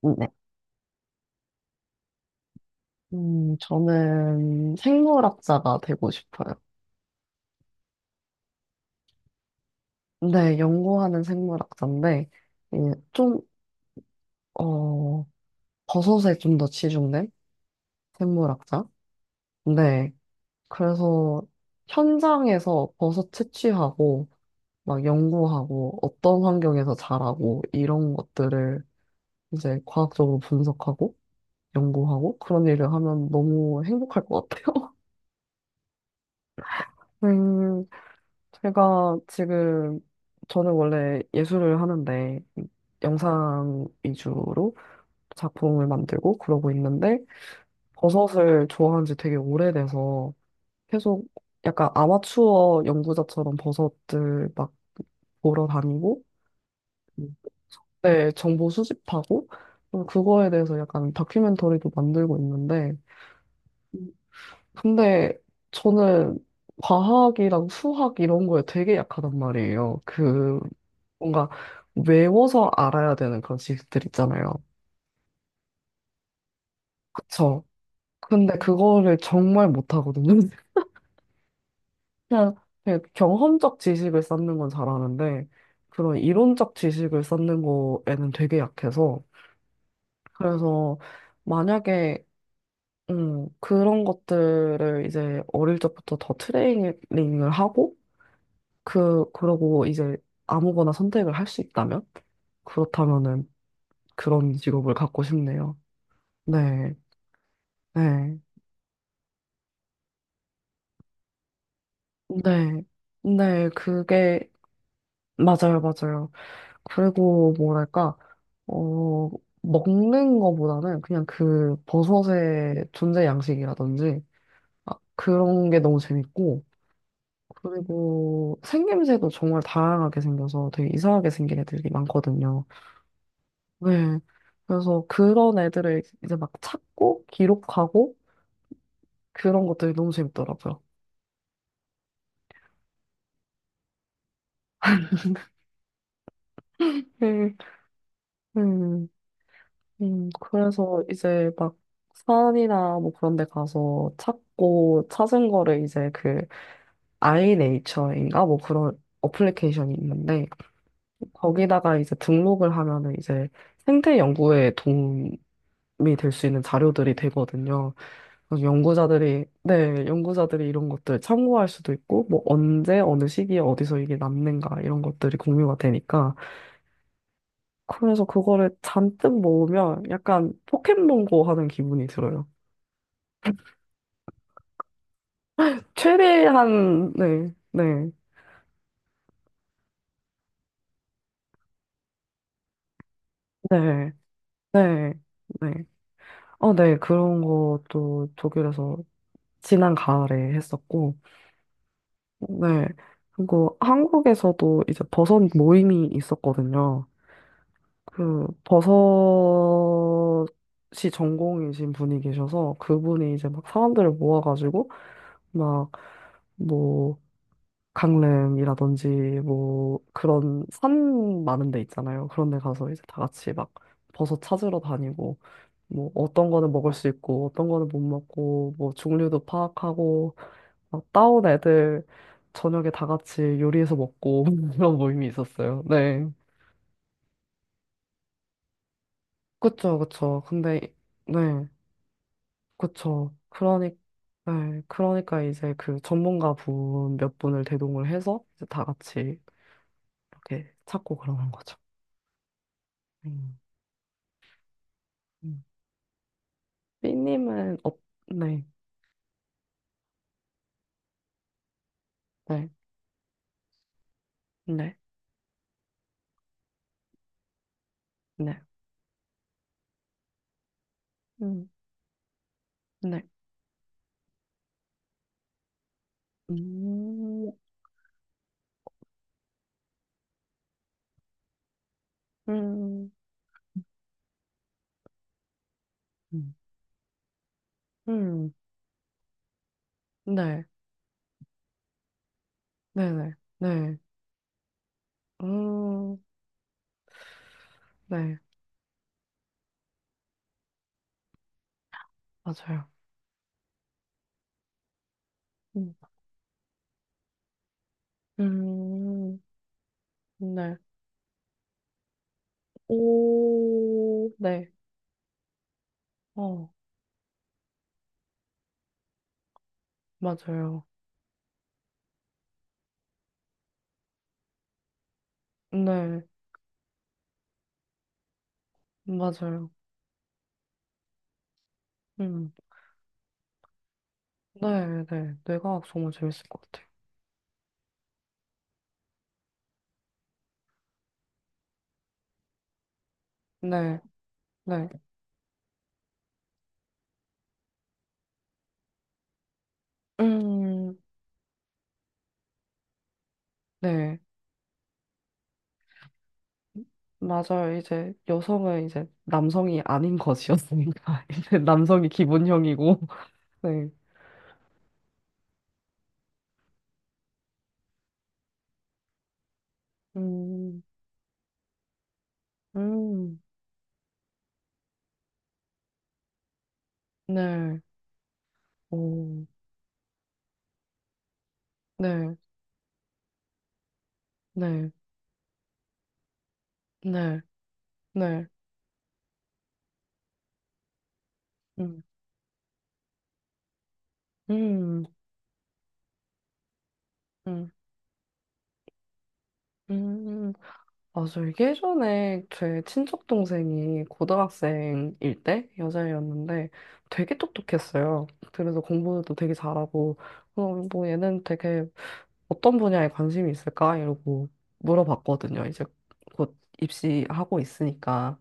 네. 저는 생물학자가 되고 싶어요. 네, 연구하는 생물학자인데, 예, 좀, 어, 버섯에 좀 더 치중된 생물학자? 네. 그래서 현장에서 버섯 채취하고, 막 연구하고, 어떤 환경에서 자라고, 이런 것들을 이제 과학적으로 분석하고, 연구하고, 그런 일을 하면 너무 행복할 것 같아요. 음, 제가 지금 저는 원래 예술을 하는데 영상 위주로 작품을 만들고 그러고 있는데 버섯을 좋아한 지 되게 오래돼서 계속 약간 아마추어 연구자처럼 버섯들 막 보러 다니고. 음. 네, 정보 수집하고 또 그거에 대해서 약간 다큐멘터리도 만들고 있는데. 근데 저는 과학이랑 수학 이런 거에 되게 약하단 말이에요. 그 뭔가 외워서 알아야 되는 그런 지식들 있잖아요. 그쵸. 근데 그거를 정말 못하거든요. 그냥, 그냥 경험적 지식을 쌓는 건 잘하는데, 그런 이론적 지식을 쌓는 거에는 되게 약해서, 그래서 만약에, 그런 것들을 이제 어릴 적부터 더 트레이닝을 하고, 그러고 이제 아무거나 선택을 할 수 있다면? 그렇다면은 그런 직업을 갖고 싶네요. 네, 네. 네. 네, 맞아요, 맞아요. 그리고 뭐랄까, 어, 먹는 거보다는 그냥 그 버섯의 존재 양식이라든지, 아, 그런 게 너무 재밌고, 그리고 생김새도 정말 다양하게 생겨서 되게 이상하게 생긴 애들이 많거든요. 네. 그래서 그런 애들을 이제 막 찾고, 기록하고, 그런 것들이 너무 재밌더라고요. 음, 음. 그래서 이제 막 산이나 뭐 그런 데 가서 찾고 찾은 거를 이제 아이네이처인가 뭐 그런 어플리케이션이 있는데 거기다가 이제 등록을 하면은 이제 생태 연구에 도움이 될 수 있는 자료들이 되거든요. 그래서 연구자들이 이런 것들 참고할 수도 있고 뭐 언제 어느 시기에 어디서 이게 남는가 이런 것들이 공유가 되니까 그래서 그거를 잔뜩 모으면 약간 포켓몬고 하는 기분이 들어요. 네, 네, 네, 네, 네. 네, 그런 것도 독일에서 지난 가을에 했었고, 네. 그리고 한국에서도 이제 버섯 모임이 있었거든요. 그 버섯이 전공이신 분이 계셔서 그분이 이제 막 사람들을 모아가지고 막뭐 강릉이라든지 뭐 그런 산 많은 데 있잖아요. 그런 데 가서 이제 다 같이 막 버섯 찾으러 다니고 뭐 어떤 거는 먹을 수 있고 어떤 거는 못 먹고 뭐 종류도 파악하고 막 따온 애들 저녁에 다 같이 요리해서 먹고 그런 모임이 있었어요. 네. 그쵸, 그쵸. 근데 네. 그쵸. 그러니 네. 그러니까 이제 그 전문가 분 몇 분을 대동을 해서 이제 다 같이 이렇게 찾고 그러는 거죠. 음. 음. 네, 네, 네, 네, 음, 네, 음, 음, 음, 음, 네, 네, 네, 네, 음, 네, 맞아요. 음, 음, 네, 오, 네, 어, 맞아요. 네, 맞아요. 음, 네, 네, 뇌과학 정말 재밌을 것 같아요. 네, 네, 음, 네. 맞아요. 이제 여성은 이제 남성이 아닌 것이었으니까 이제 남성이 기본형이고 네. 음, 음, 네, 오, 네, 네, 네, 네, 음, 음, 음, 음. 맞아. 이게 예전에 제 친척 동생이 고등학생일 때 여자애였는데 되게 똑똑했어요. 그래서 공부도 되게 잘하고 뭐 얘는 되게 어떤 분야에 관심이 있을까? 이러고 물어봤거든요. 이제 곧 입시하고 있으니까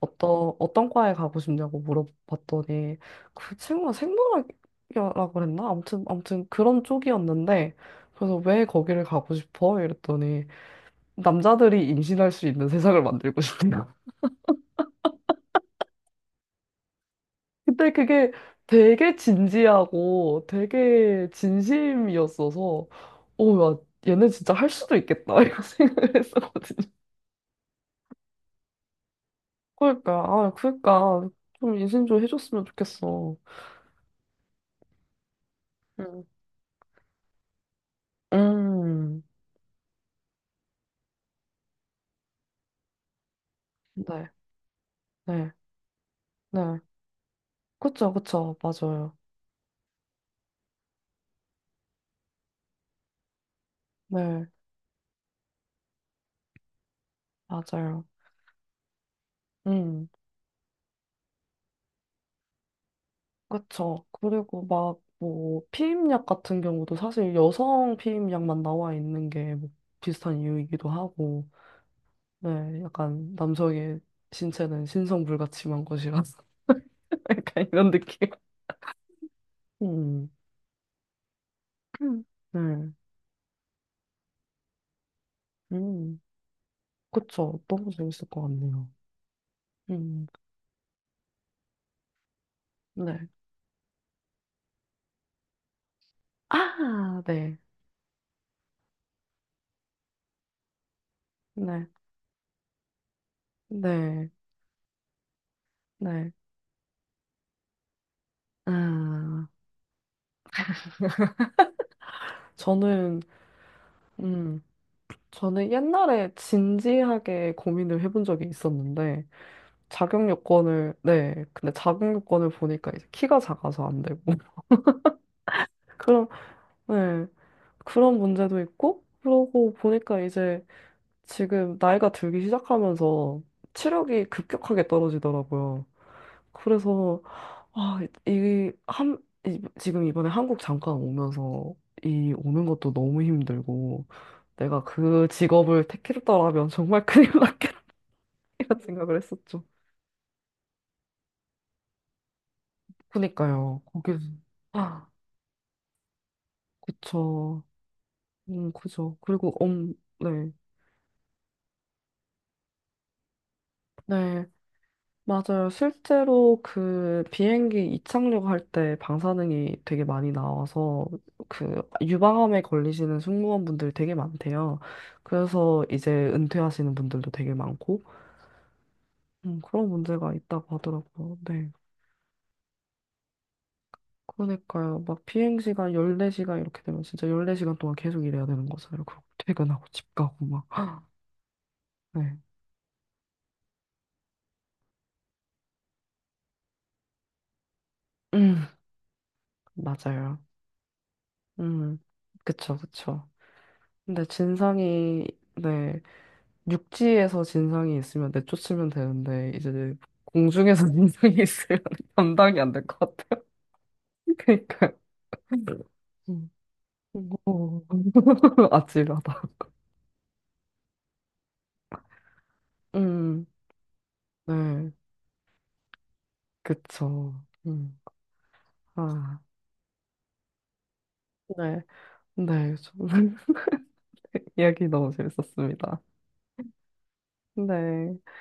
어떤 과에 가고 싶냐고 물어봤더니 그 친구가 생물학이라고 그랬나? 아무튼 그런 쪽이었는데 그래서 왜 거기를 가고 싶어? 이랬더니 남자들이 임신할 수 있는 세상을 만들고 싶대요. 근데 그게 되게 진지하고 되게 진심이었어서 오, 야, 얘네 진짜 할 수도 있겠다 이런 생각을 했었거든요. 그러니까 좀 인생 좀 해줬으면 좋겠어. 음, 음, 네, 네, 네, 그쵸, 그쵸, 맞아요. 네, 맞아요. 음, 그쵸. 그리고 막 뭐 피임약 같은 경우도 사실 여성 피임약만 나와 있는 게뭐 비슷한 이유이기도 하고, 네, 약간 남성의 신체는 신성불가침한 것이라서 약간 이런 느낌. 음, 음, 네, 음, 그쵸. 너무 재밌을 것 같네요. 음, 네. 아, 네. 네. 네. 네. 아, 저는, 음, 저는 옛날에 진지하게 고민을 해본 적이 있었는데, 자격 요건을, 네. 근데 자격 요건을 보니까 이제 키가 작아서 안 되고, 그런, 네. 그런 문제도 있고, 그러고 보니까 이제 지금 나이가 들기 시작하면서 체력이 급격하게 떨어지더라고요. 그래서 아, 이, 한, 지금 이번에 한국 잠깐 오면서 이 오는 것도 너무 힘들고 내가 그 직업을 택했더라면 정말 큰일 났겠다는 생각을 했었죠. 그니까요. 거기 아, 그쵸. 그죠. 네, 네. 맞아요. 실제로 그 비행기 이착륙 할 때 방사능이 되게 많이 나와서 그 유방암에 걸리시는 승무원분들 되게 많대요. 그래서 이제 은퇴하시는 분들도 되게 많고 그런 문제가 있다고 하더라고요. 네. 그러니까요. 막 비행시간 14시간 이렇게 되면 진짜 14시간 동안 계속 일해야 되는 거잖아요. 그리고 퇴근하고 집 가고 막. 네. 음, 맞아요. 음. 그쵸, 그쵸. 근데 진상이 네. 육지에서 진상이 있으면 내쫓으면 되는데 이제 공중에서 진상이 있으면 감당이 안 될 것 같아요. 그러니까 음. 오. 아찔하다. 음, 네, 그쵸. 아, 네, 네, 좀 이야기 너무 재밌었습니다. 네.